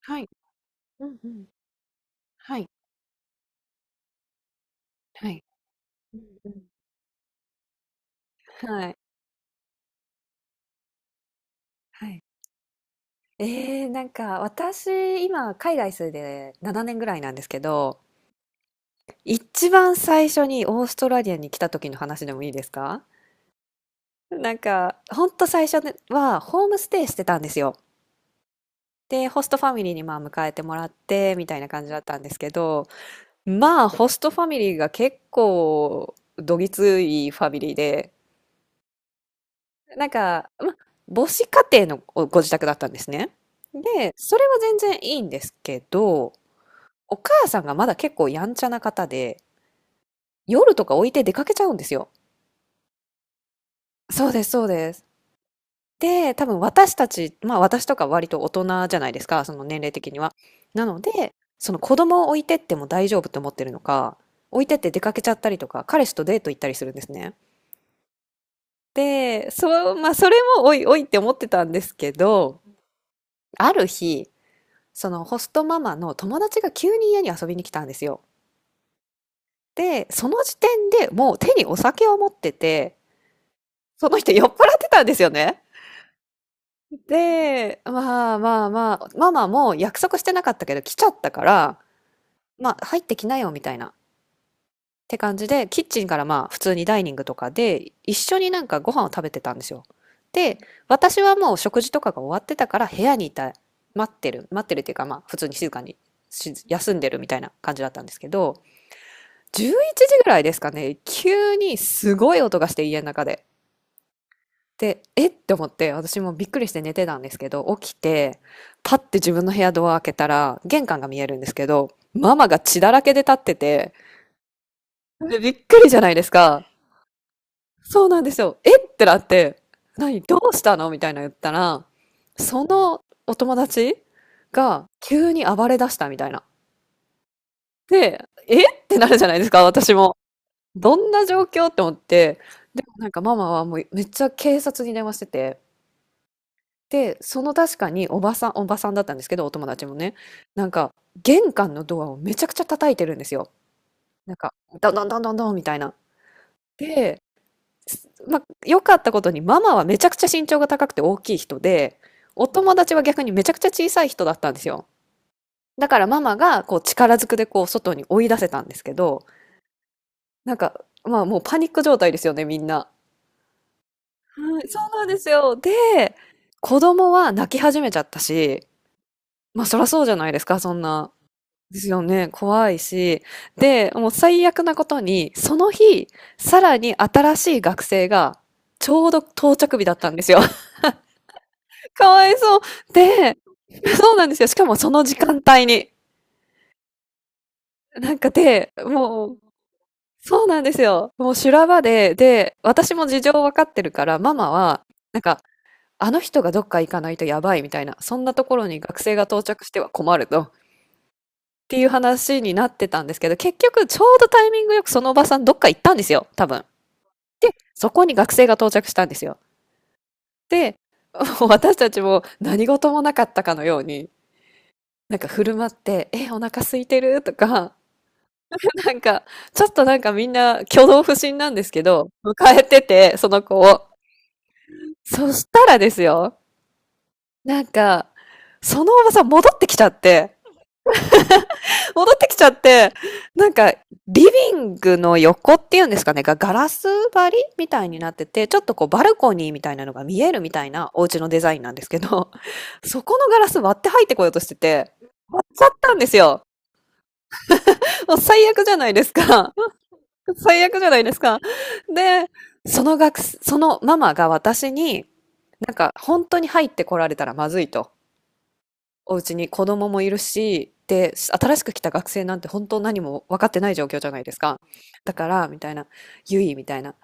はい。うんうん。はい。はい。うんうん。はい。はい。ええ、なんか私、今海外住んで7年ぐらいなんですけど、一番最初にオーストラリアに来た時の話でもいいですか？なんか、ほんと最初ではホームステイしてたんですよ。で、ホストファミリーにまあ迎えてもらってみたいな感じだったんですけど、まあホストファミリーが結構どぎついファミリーで、なんか、ま、母子家庭のおご自宅だったんですね。で、それは全然いいんですけど、お母さんがまだ結構やんちゃな方で、夜とか置いて出かけちゃうんですよ。そうです、そうです。で、多分私たち、まあ私とか割と大人じゃないですか、その年齢的には。なので、その子供を置いてっても大丈夫と思ってるのか、置いてって出かけちゃったりとか、彼氏とデート行ったりするんですね。で、そう、まあそれもおいおいって思ってたんですけど、ある日、そのホストママの友達が急に家に遊びに来たんですよ。で、その時点でもう手にお酒を持ってて、その人酔っ払ってたんですよね。で、まあまあまあ、ママも約束してなかったけど来ちゃったから、まあ入ってきなよみたいなって感じで、キッチンからまあ普通にダイニングとかで一緒になんかご飯を食べてたんですよ。で、私はもう食事とかが終わってたから部屋にいた、待ってる、待ってるっていうかまあ普通に静かにし休んでるみたいな感じだったんですけど、11時ぐらいですかね、急にすごい音がして家の中で。で、えって思って、私もびっくりして寝てたんですけど、起きて、パッて自分の部屋ドア開けたら、玄関が見えるんですけど、ママが血だらけで立ってて、でびっくりじゃないですか。そうなんですよ。えってなって、何どうしたのみたいな言ったら、そのお友達が急に暴れ出したみたいな。で、えってなるじゃないですか、私も。どんな状況って思って、でもなんかママはもうめっちゃ警察に電話してて、で、その確かにおばさん、おばさんだったんですけど、お友達もね、なんか玄関のドアをめちゃくちゃ叩いてるんですよ。なんか、どんどんどんどんどんみたいな。で、まあ、良かったことにママはめちゃくちゃ身長が高くて大きい人で、お友達は逆にめちゃくちゃ小さい人だったんですよ。だからママがこう力ずくでこう外に追い出せたんですけど、なんか、まあもうパニック状態ですよね、みんな。はい、そうなんですよ。で、子供は泣き始めちゃったし、まあそらそうじゃないですか、そんな。ですよね、怖いし。で、もう最悪なことに、その日、さらに新しい学生が、ちょうど到着日だったんですよ。かわいそう。で、そうなんですよ。しかもその時間帯に。なんかで、もう、そうなんですよ。もう修羅場で、で、私も事情わかってるから、ママは、なんか、あの人がどっか行かないとやばいみたいな、そんなところに学生が到着しては困ると、っていう話になってたんですけど、結局ちょうどタイミングよくそのおばさんどっか行ったんですよ、多分。で、そこに学生が到着したんですよ。で、もう私たちも何事もなかったかのように、なんか振る舞って、え、お腹空いてるとか、なんか、ちょっとなんかみんな挙動不審なんですけど、迎えてて、その子を。そしたらですよ、なんか、そのおばさん戻ってきちゃって、戻ってきちゃって、なんか、リビングの横っていうんですかね、がガラス張りみたいになってて、ちょっとこうバルコニーみたいなのが見えるみたいなお家のデザインなんですけど、そこのガラス割って入ってこようとしてて、割っちゃったんですよ。もう最悪じゃないですか。最悪じゃないですか。で、その学生、そのママが私に、なんか本当に入ってこられたらまずいと。お家に子供もいるし、で、新しく来た学生なんて本当何も分かってない状況じゃないですか。だから、みたいな、ゆい、みたいな、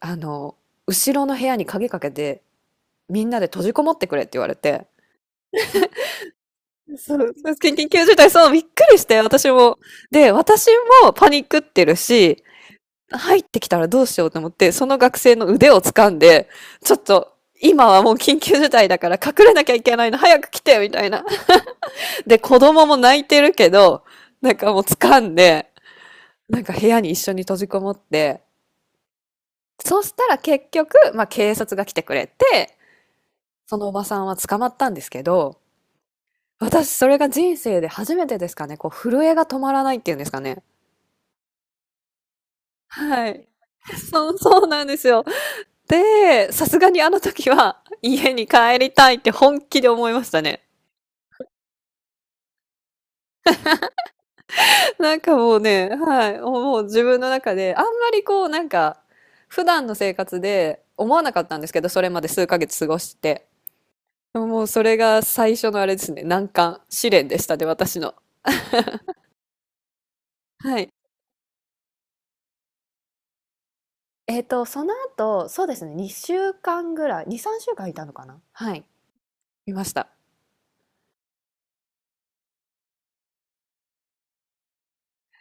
あの、後ろの部屋に鍵かけて、みんなで閉じこもってくれって言われて、そう、緊急事態、そう、びっくりして、私も。で、私もパニックってるし、入ってきたらどうしようと思って、その学生の腕を掴んで、ちょっと、今はもう緊急事態だから隠れなきゃいけないの、早く来て、みたいな。で、子供も泣いてるけど、なんかもう掴んで、なんか部屋に一緒に閉じこもって、そしたら結局、まあ警察が来てくれて、そのおばさんは捕まったんですけど、私それが人生で初めてですかね、こう震えが止まらないっていうんですかね。はい。そう、そうなんですよ。で、さすがにあの時は家に帰りたいって本気で思いましたね。なんかもうね、はい、もう自分の中で、あんまりこう、なんか、普段の生活で思わなかったんですけど、それまで数ヶ月過ごして。でももうそれが最初のあれですね、難関、試練でしたね、私の。はい。えっと、その後、そうですね、2週間ぐらい、2、3週間いたのかなはい。いました。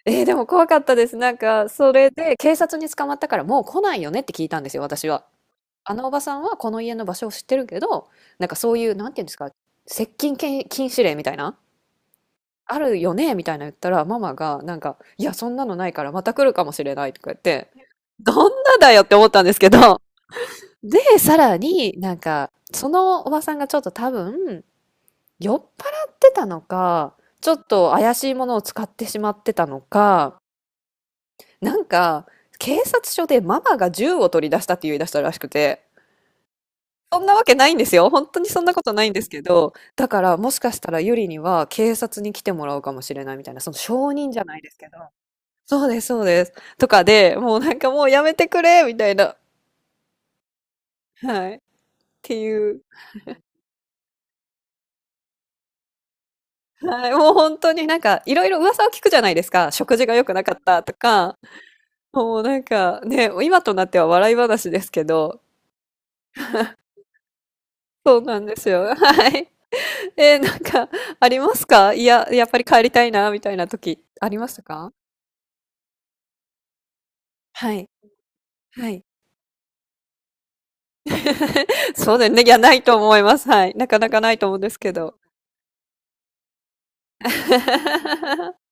えー、でも怖かったです。なんか、それで警察に捕まったからもう来ないよねって聞いたんですよ、私は。あのおばさんはこの家の場所を知ってるけど、なんかそういう、なんていうんですか、接近禁止令みたいな、あるよねみたいな言ったら、ママが、なんか、いや、そんなのないからまた来るかもしれないとか言って、どんなだよって思ったんですけど、で、さらになんか、そのおばさんがちょっと多分、酔っ払ってたのか、ちょっと怪しいものを使ってしまってたのか、なんか、警察署でママが銃を取り出したって言い出したらしくて、そんなわけないんですよ。本当にそんなことないんですけど、だからもしかしたらユリには警察に来てもらうかもしれないみたいな、その証人じゃないですけど。そうです、そうです。とかで、もうなんかもうやめてくれみたいな。はい。っていう。はい。もう本当になんかいろいろ噂を聞くじゃないですか。食事が良くなかったとか。もうなんかね、今となっては笑い話ですけど。そうなんですよ。はい。えー、なんかありますかいや、やっぱり帰りたいな、みたいな時ありましたかはい。はい。そうだよね。いや、ないと思います。はい。なかなかないと思うんですけど。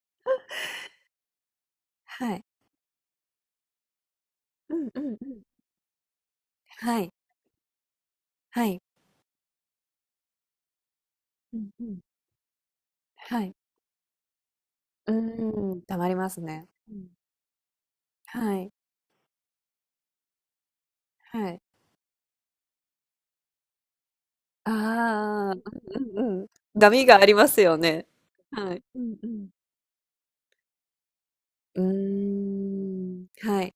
はい。うんうんうん。はい。はい。うんうん。はい。うーん、溜まりますね。うん。はい。はい。ああ、うんうんうん。波がありますよね。はい。うんうん。うーん。はい。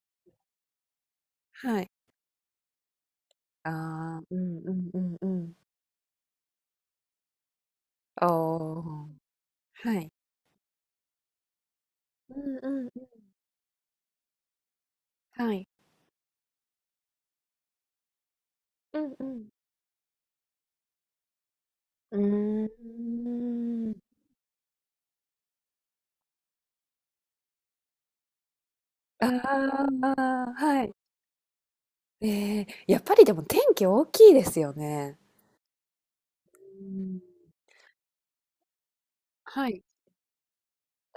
はい。ああ、うんうんうんうん。ああ。はい。うんうんうん。はい。うんうん。うーん。ああ、はい。ええ、やっぱりでも天気大きいですよね。うん、はい。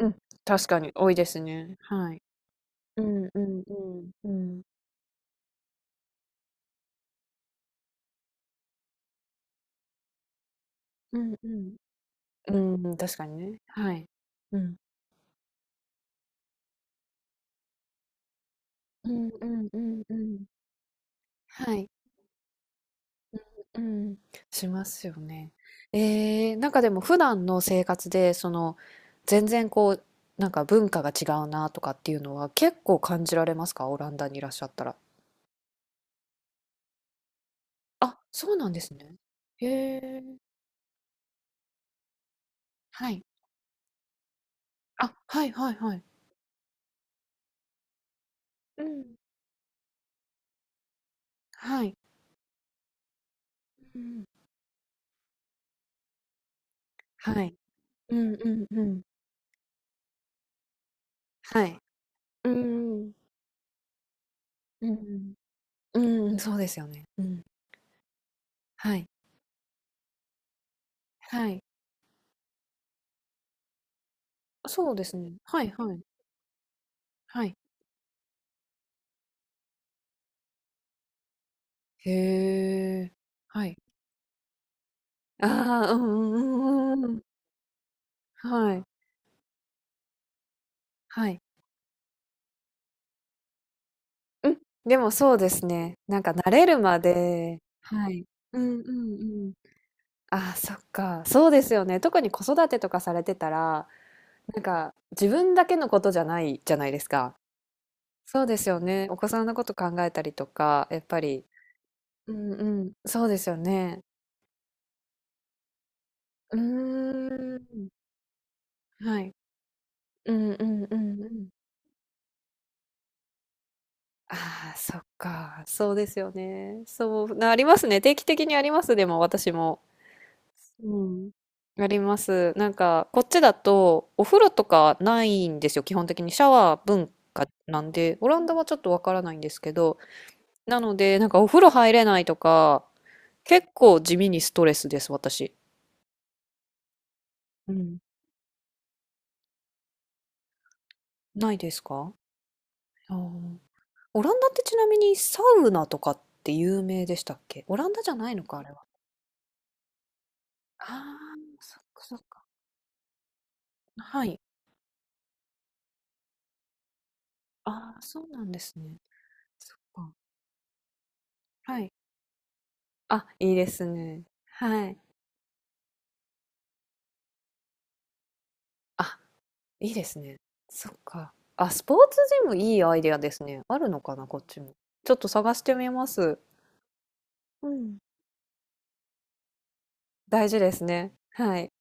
うん、確かに多いですね。はい。うんうんうん。うん。うんうん。うーん、確かにね。はい。うん。うんうんうんうんうんうんうん確かにねはい。うん、しますよね。えー、なんかでも普段の生活で、その、全然こう、なんか文化が違うなとかっていうのは結構感じられますかオランダにいらっしゃったら。あ、そうなんですね。へえ。はい。あ、はいはいはい。うん。はい。うん。はい。うんうんうん。はい。うんうん。うん。うん、そうですよね。うん。はい。はい。そうですね。はいはい。はい。へえ。はい。ああ、うんうんうんうんうん。はい。はい。うん、でもそうですね。なんか慣れるまではい。うんうんうん。ああ、そっか。そうですよね。特に子育てとかされてたら、なんか自分だけのことじゃないじゃないですか。そうですよね。お子さんのこと考えたりとか、やっぱり。うんうん。そうですよね。うーん。はい。うんうんうんうん。ああ、そっか。そうですよね。そうな、ありますね。定期的にあります、でも私も。うん。あります。なんか、こっちだと、お風呂とかないんですよ。基本的にシャワー文化なんで、オランダはちょっとわからないんですけど、なので、なんかお風呂入れないとか、結構地味にストレスです、私。うん。ないですか？あーオランダってちなみにサウナとかって有名でしたっけ？オランダじゃないのか、あれは。ああ、そっかそっか。はい。ああ、そうなんですね。そっか。はい。あ、いいですね。はい。あ、いいですね。そっか。あ、スポーツジムいいアイデアですね。あるのかな、こっちも。ちょっと探してみます。うん。大事ですね。はい。